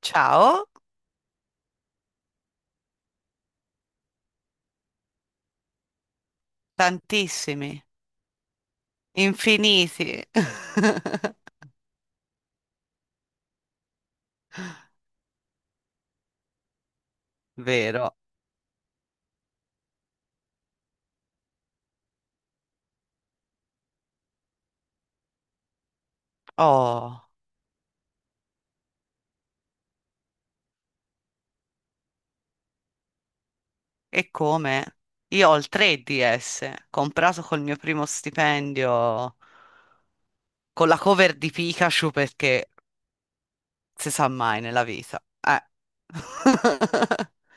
Ciao, tantissimi, infiniti. Vero. Oh, e come? Io ho il 3DS, comprato col mio primo stipendio, con la cover di Pikachu perché si sa mai nella vita.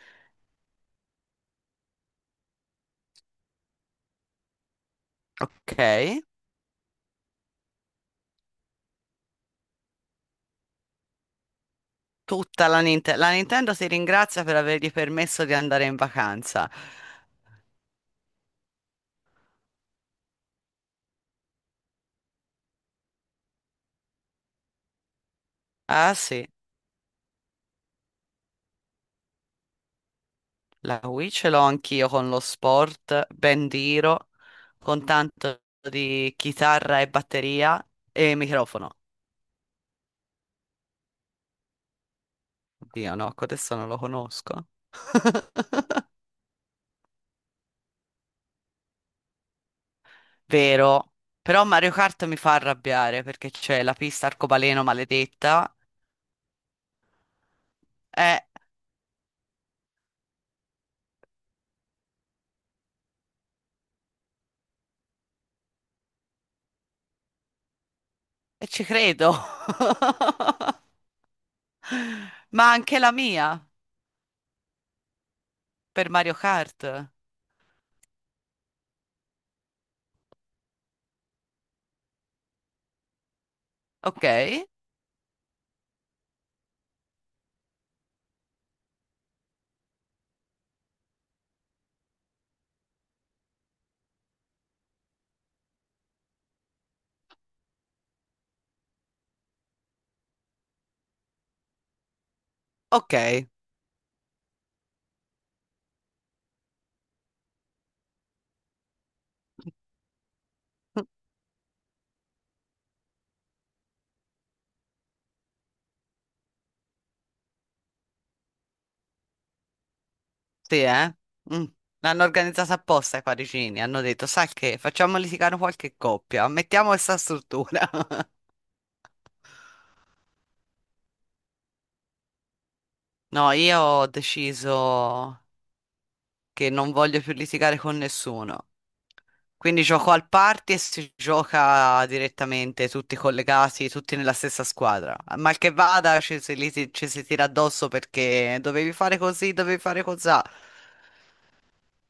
Ok. Tutta la Nintendo. La Nintendo ti ringrazia per avergli permesso di andare in vacanza. Ah, sì. La Wii ce l'ho anch'io con lo sport, ben diro, con tanto di chitarra e batteria e microfono. Oddio, no, adesso non lo conosco. Vero. Però Mario Kart mi fa arrabbiare perché c'è la pista arcobaleno maledetta. Eh, e ci credo. Ma anche la mia per Mario Kart. Ok, ok. Sì, eh? Mm. L'hanno organizzata apposta i parigini. Hanno detto, sai che, facciamo litigare qualche coppia, mettiamo questa struttura. No, io ho deciso che non voglio più litigare con nessuno. Quindi gioco al party e si gioca direttamente, tutti collegati, tutti nella stessa squadra. Mal che vada, ci si tira addosso perché dovevi fare così, dovevi fare cos'ha.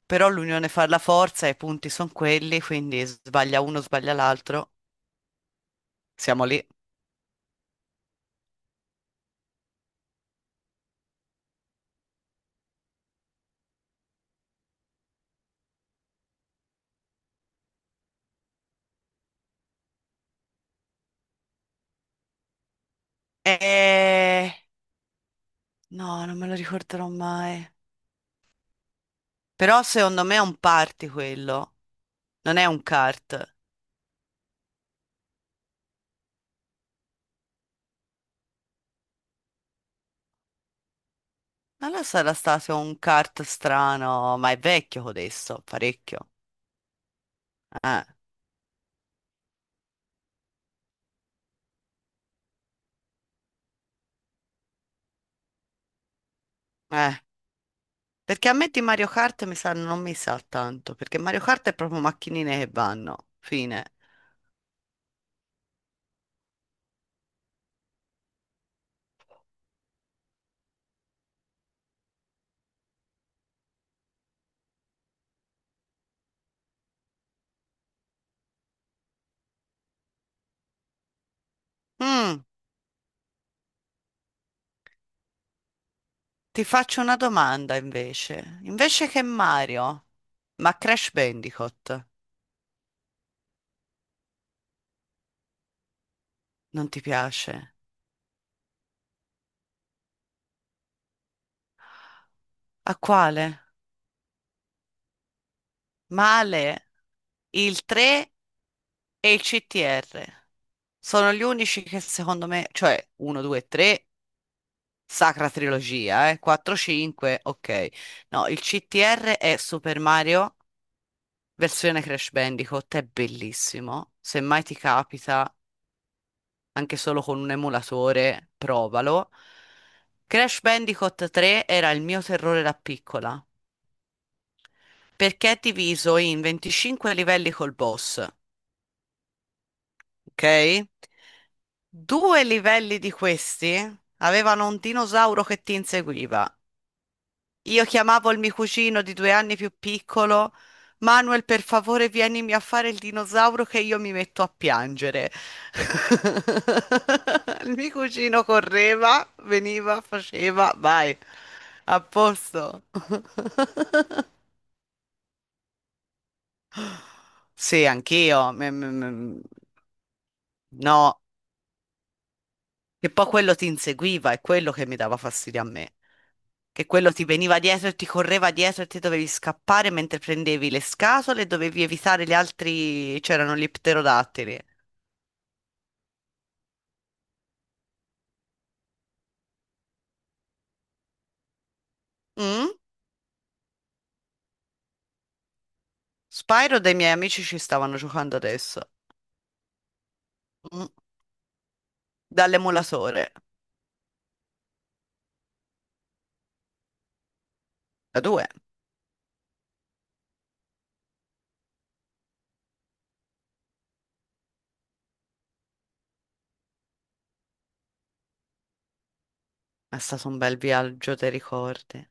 Però l'unione fa la forza, i punti sono quelli, quindi sbaglia uno, sbaglia l'altro. Siamo lì. Eh, no, non me lo ricorderò mai. Però secondo me è un party quello, non è un kart. Allora sarà stato un kart strano, ma è vecchio codesto, parecchio. Eh, eh. Perché a me di Mario Kart mi sa, non mi sa tanto, perché Mario Kart è proprio macchinine che vanno, fine. Mm, Ti faccio una domanda invece. Invece che Mario, ma Crash Bandicoot non ti piace? A quale? Male, il 3 e il CTR. Sono gli unici che secondo me, cioè 1, 2, 3, sacra trilogia, eh? 4, 5, ok. No, il CTR è Super Mario, versione Crash Bandicoot, è bellissimo. Se mai ti capita, anche solo con un emulatore, provalo. Crash Bandicoot 3 era il mio terrore da piccola, perché è diviso in 25 livelli col boss. Ok? Due livelli di questi avevano un dinosauro che ti inseguiva. Io chiamavo il mio cugino di due anni più piccolo, Manuel, per favore, vienimi a fare il dinosauro che io mi metto a piangere. Il mio cugino correva, veniva, faceva, vai, a posto. Sì, anch'io. Mm, mm, mm. No, che poi quello ti inseguiva, è quello che mi dava fastidio a me. Che quello ti veniva dietro e ti correva dietro e te dovevi scappare mentre prendevi le scatole e dovevi evitare gli altri. C'erano gli pterodattili. Mm? Spyro dei miei amici ci stavano giocando adesso. Mm. Dall'emulatore. Da due. È stato un bel viaggio, te ricordi?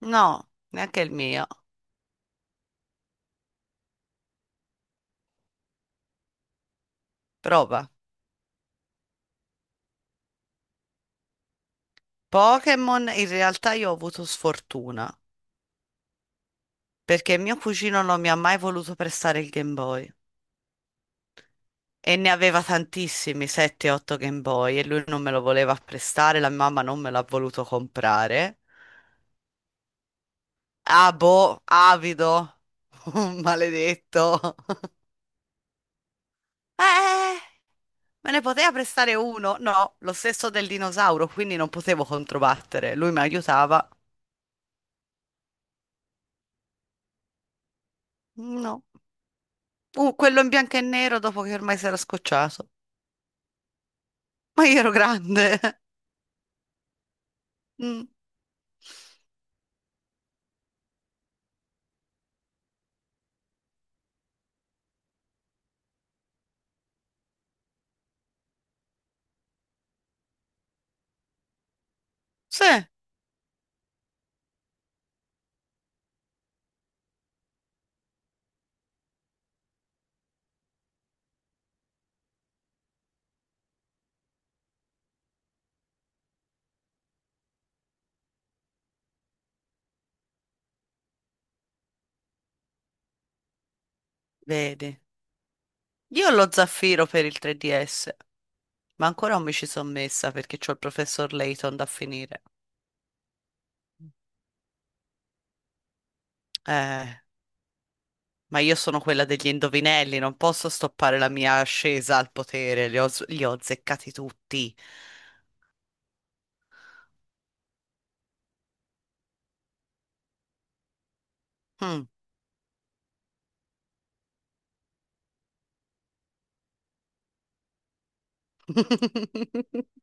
No, neanche il mio. Prova. Pokémon, in realtà io ho avuto sfortuna, perché mio cugino non mi ha mai voluto prestare il Game Boy. E ne aveva tantissimi, 7-8 Game Boy, e lui non me lo voleva prestare, la mia mamma non me l'ha voluto comprare. Ah, boh, avido, maledetto. Eh, me ne poteva prestare uno? No, lo stesso del dinosauro, quindi non potevo controbattere. Lui mi aiutava. No. Quello in bianco e nero dopo che ormai si era scocciato. Ma io ero grande. Mm, sì, vedi. Io ho lo zaffiro per il 3DS. Ma ancora non mi ci sono messa perché c'ho il professor Layton da finire. Eh, ma io sono quella degli indovinelli, non posso stoppare la mia ascesa al potere, li ho azzeccati tutti. Mm.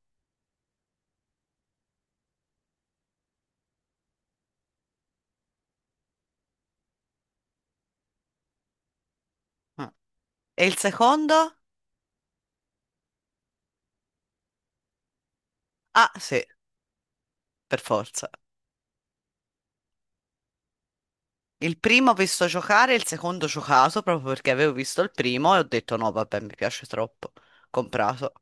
Ah. E il secondo? Ah, sì, per forza. Il primo ho visto giocare, il secondo ho giocato proprio perché avevo visto il primo e ho detto no, vabbè, mi piace troppo. Comprato.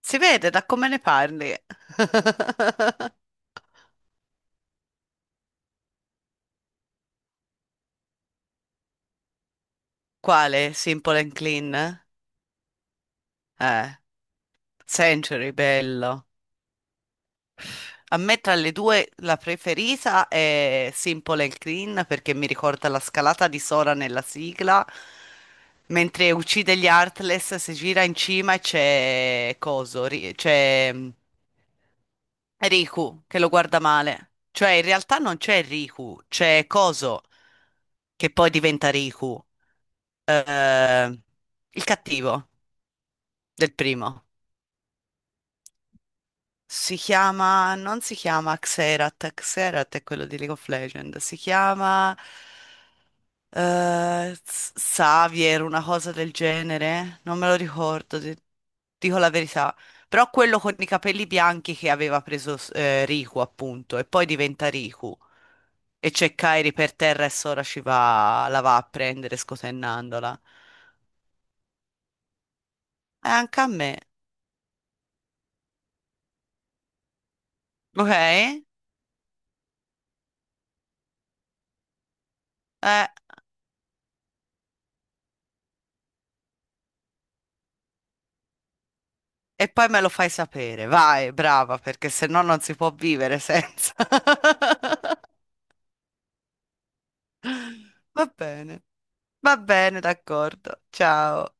Si vede da come ne parli. Quale? Simple and Clean? Eh. Century, bello. A me tra le due la preferita è Simple and Clean perché mi ricorda la scalata di Sora nella sigla, mentre uccide gli Heartless, si gira in cima e c'è Coso, c'è Riku che lo guarda male. Cioè in realtà non c'è Riku, c'è Coso che poi diventa Riku, eh, il cattivo del primo. Si chiama, non si chiama Xerath, Xerath è quello di League of Legends, si chiama Xavier, una cosa del genere, non me lo ricordo, dico la verità, però quello con i capelli bianchi che aveva preso Riku appunto e poi diventa Riku e c'è Kairi per terra e Sora ci va, la va a prendere scotennandola. Anche a me, ok? Eh. E poi me lo fai sapere, vai, brava, perché se no non si può vivere senza. Va bene, va bene, d'accordo. Ciao.